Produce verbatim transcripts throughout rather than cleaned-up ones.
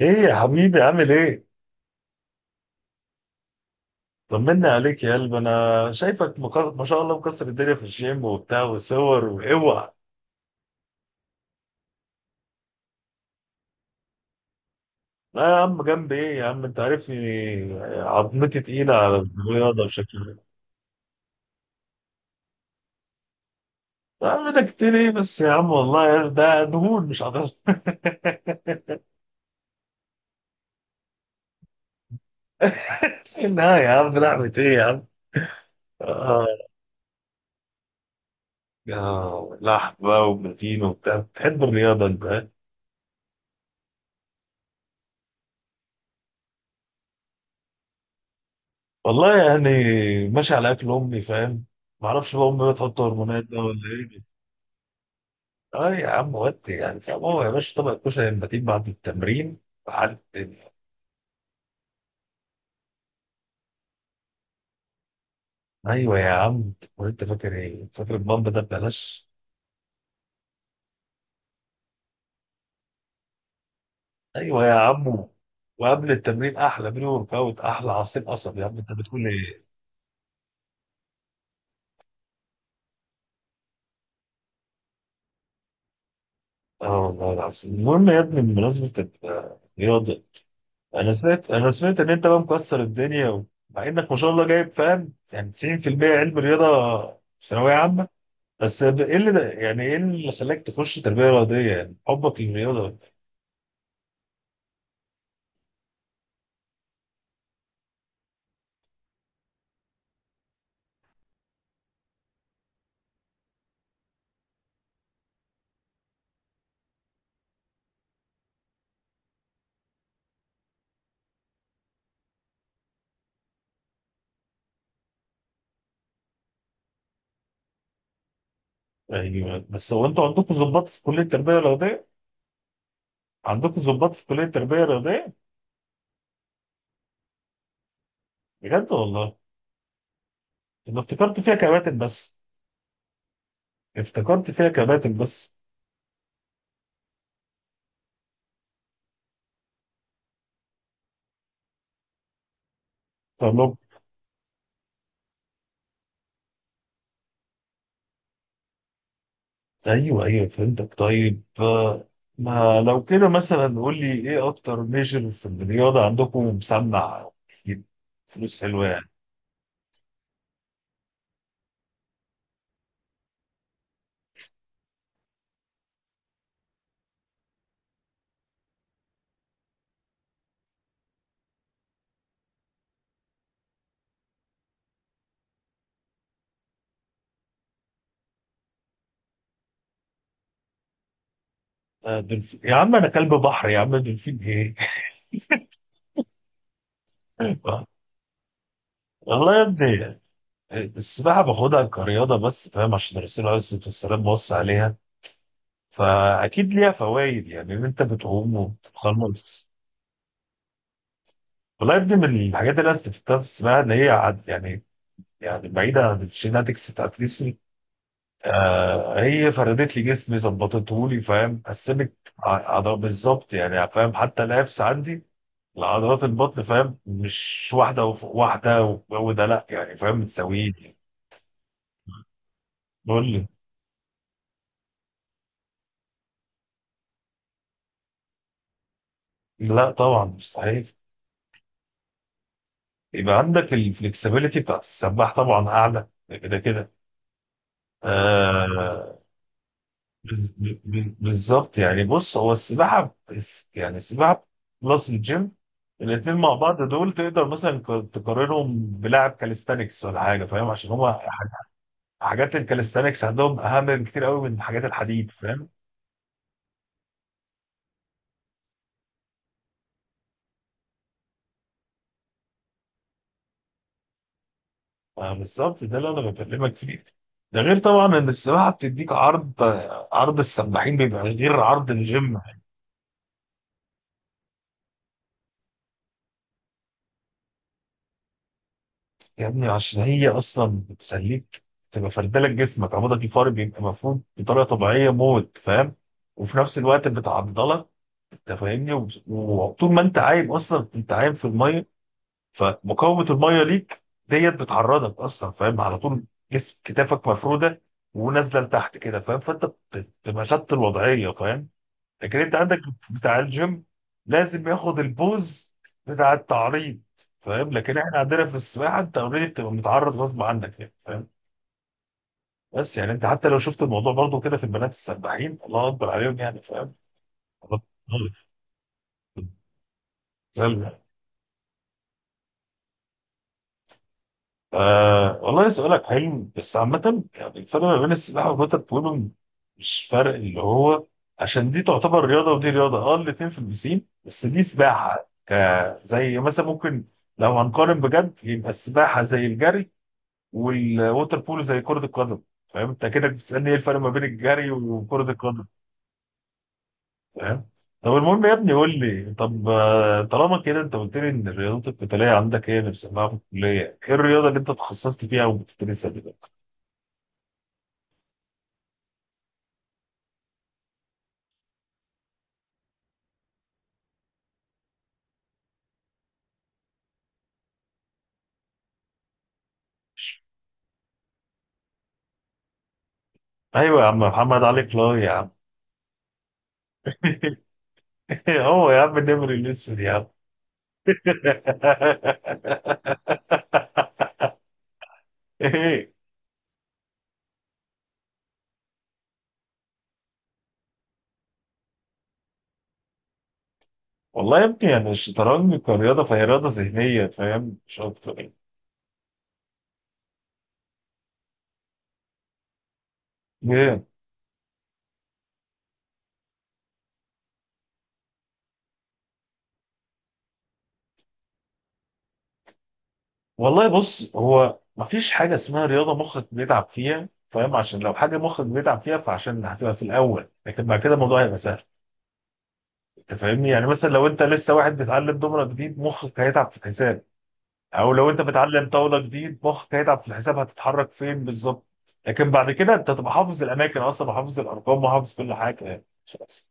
ايه يا حبيبي عامل ايه؟ طمنا عليك يا قلب، انا شايفك مك... ما شاء الله مكسر الدنيا في الجيم وبتاع وصور واوعى. لا يا عم، جنب ايه يا عم، انت عارفني. عظمتي تقيلة على الرياضة بشكل عام، اعمل كتير ايه بس يا عم، والله يا- ده دهون مش عضلة. لا يا عم، لحمة ايه يا عم. آه. آه، لحم بقى وبروتين وبتاع. بتحب الرياضة انت ها؟ والله يعني ماشي على اكل امي، فاهم. معرفش بقى امي بتحط هرمونات ده ولا ايه. اه يا عم، ودي يعني. طب هو يا باشا طبق الكشري لما تيجي بعد التمرين على الدنيا. ايوه يا عم، وانت فاكر ايه، فاكر البامب ده ببلاش. ايوه يا عم. وقبل التمرين احلى بري ورك اوت، احلى عصير قصب، يا عم انت بتقول ايه. اه والله العظيم. المهم يا ابني، بمناسبه ال- الرياضه، انا سمعت انا سمعت ان انت بقى مكسر الدنيا و- مع انك ما شاء الله جايب فاهم يعني تسعين في المية علم رياضه في ثانويه عامه، بس ب- ايه اللي ده، يعني ايه اللي خلاك تخش تربيه رياضيه، يعني حبك للرياضه. ايوه، بس هو انتوا عندكم ضباط في كليه التربيه الرياضيه؟ عندكم ضباط في كليه التربيه الرياضيه؟ بجد والله. انا افتكرت فيها كباتن بس. افتكرت فيها كباتن بس. طب. ايوه ايوه فهمتك، طيب آه، ما لو كده مثلا قول لي ايه اكتر ميجر في الرياضه عندكم مسمع، يجيب فلوس حلوه يعني. آه، دولفين يا عم، انا كلب بحر يا عم، دولفين ايه. والله يا ابني السباحه باخدها كرياضه بس، فاهم، عشان الرسول عليه الصلاه والسلام وصى عليها، فاكيد ليها فوائد، يعني ان انت بتقوم وبتتخلص. والله يا ابني من الحاجات اللي انا استفدتها في السباحه ان هي عد- يعني، يعني بعيده عن الجيناتكس بتاعت جسمي، آه، هي فردت لي جسمي، ظبطته لي، فاهم، قسمت ع- عضلات بالظبط يعني، فاهم، حتى الابس عندي لعضلات البطن فاهم، مش واحده وفوق واحده والجو ده، لا يعني فاهم، متساويين يعني. قول لي. لا طبعا، مستحيل. يبقى عندك الفلكسبيليتي بتاعت السباح طبعا اعلى كده كده. آه. بز- ب- ب- بالظبط يعني. بص هو السباحة، يعني السباحة بلس الجيم، الاتنين مع بعض دول تقدر مثلا ك- تقارنهم بلاعب كاليستانكس ولا حاجة، فاهم، عشان هما ح- حاجات الكاليستانكس عندهم أهم بكتير قوي من حاجات الحديد، فاهم. آه، بالظبط، ده اللي أنا بكلمك فيه. ده غير طبعا إن السباحة بتديك عرض، عرض السباحين بيبقى غير عرض الجيم. يا ابني عشان هي اصلا بتخليك تبقى فردلك جسمك، عمودك الفقري بيبقى مفروض بطريقه طبيعيه موت فاهم، وفي نفس الوقت بتعضلك، انت فاهمني، وب- وطول ما انت عايم اصلا، انت عايم في الميه، فمقاومه الميه ليك ديت بتعرضك اصلا فاهم، على طول جسم كتافك مفروده ونازله لتحت كده فاهم، فانت بت- بتبقى خدت الوضعيه فاهم. لكن انت عندك بتاع الجيم لازم ياخد البوز بتاع التعريض فاهم، لكن احنا عندنا في السباحه انت اوريدي بتبقى متعرض غصب عنك يعني فاهم. بس يعني انت حتى لو شفت الموضوع برضو كده في البنات السباحين، الله اكبر عليهم يعني، فاهم. آه والله سؤالك حلو، بس عامة يعني الفرق ما بين السباحة والوتر بولو مش فرق اللي هو، عشان دي تعتبر رياضة ودي رياضة، اه الاتنين في البسين، بس دي سباحة. ك زي مثلا ممكن، لو هنقارن بجد، يبقى السباحة زي الجري والوتر بولو زي كرة القدم. فاهم انت كده بتسألني ايه الفرق ما بين الجري وكرة القدم. فاهم. طب المهم يا ابني، قول لي، طب آه، طالما كده انت قلت لي ان الرياضات القتالية عندك هي اللي بتسمعها في الكلية، ايه الرياضة اللي انت تخصصت فيها وبتدرسها دلوقتي؟ ايوه يا عم محمد علي كلاي يا عم. هو يا عم النمر الاسود يا عم. ايه. والله يا ابني يعني الشطرنج كرياضه فهي رياضه ذهنيه فاهم، مش اكتر يعني. ايه. والله بص، هو مفيش حاجه اسمها رياضه مخك بيتعب فيها فاهم، عشان لو حاجه مخك بيتعب فيها فعشان هتبقى في الاول، لكن بعد كده الموضوع هيبقى سهل. انت فاهمني، يعني مثلا لو انت لسه واحد بيتعلم دومره جديد، مخك هيتعب في الحساب، او لو انت بتعلم طاوله جديد مخك هيتعب في الحساب هتتحرك فين بالظبط. لكن بعد كده انت تبقى حافظ الاماكن اصلا وحافظ الارقام وحافظ كل حاجه يعني. خلاص.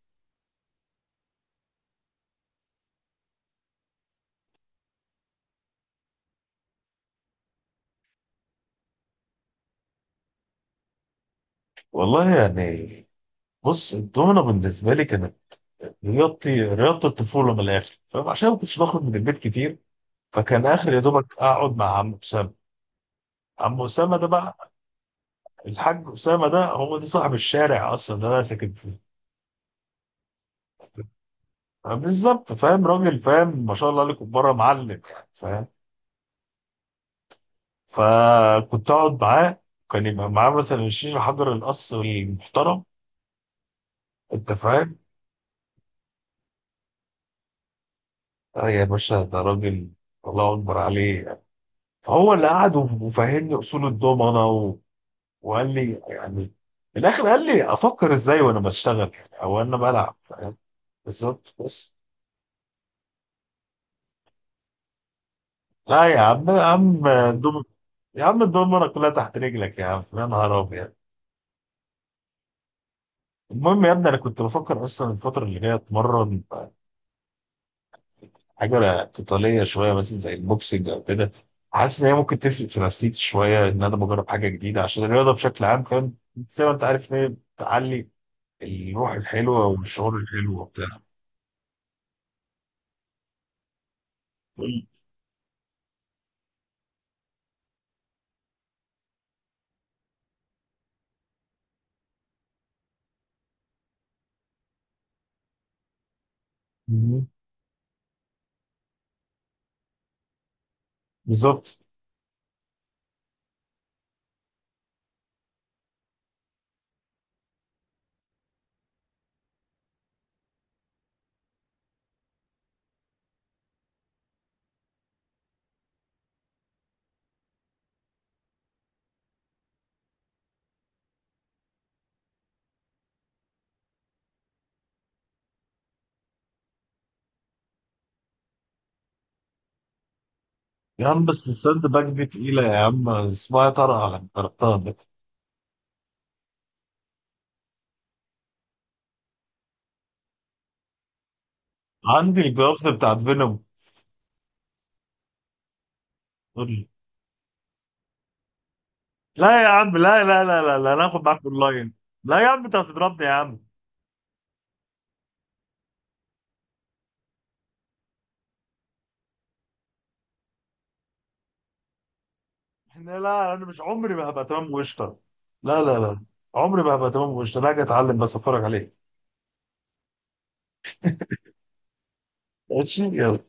والله يعني، بص الدومينة بالنسبه لي كانت رياضتي، رياضه الطفوله من الاخر، فعشان ما كنتش بخرج من البيت كتير، فكان اخر يا دوبك اقعد مع عم اسامه. عم اسامه ده بقى الحاج اسامه، ده هو ده صاحب الشارع اصلا ده انا ساكن فيه. بالظبط فاهم، راجل فاهم ما شاء الله عليكم، بره معلم يعني، فاهم؟ فكنت اقعد معاه، كان يبقى معاه مثلا الشيشه حجر القص المحترم، انت فاهم. اه يا باشا، ده راجل الله اكبر عليه. فهو اللي قعد وف- وفهمني اصول الضمنه و... وقال لي يعني، في الاخر قال لي افكر ازاي وانا بشتغل يعني او انا بلعب فاهم. بالظبط بس. لا يا عم، يا عم الدوم، يا عم الضمنه كلها تحت رجلك يا عم، يا نهار ابيض. المهم يا ابني، انا كنت بفكر اصلا الفتره اللي جايه اتمرن آه، حاجه قتاليه شويه مثلا زي البوكسنج او كده، حاسس ان هي ممكن تفرق في نفسيتي شويه ان انا بجرب حاجه جديده، عشان الرياضه بشكل عام فاهم، زي ما انت عارف ان هي بتعلي الروح الحلوه والشعور الحلو وبتاع. مهم. بالظبط. يا عم بس الساند باك دي تقيله يا عم، اسمها طرقه لما طرقتها ده. عندي الجلوفز بتاعت فينوم. قول لي. لا يا عم، لا لا لا لا لا، انا هاخد معاك اونلاين. لا يا عم، انت هتضربني يا عم. احنا، لا انا مش عمري ما هبقى تمام وقشطه. لا لا لا، عمري ما هبقى تمام وقشطه، لا اجي اتعلم بس اتفرج عليه. ماشي يلا.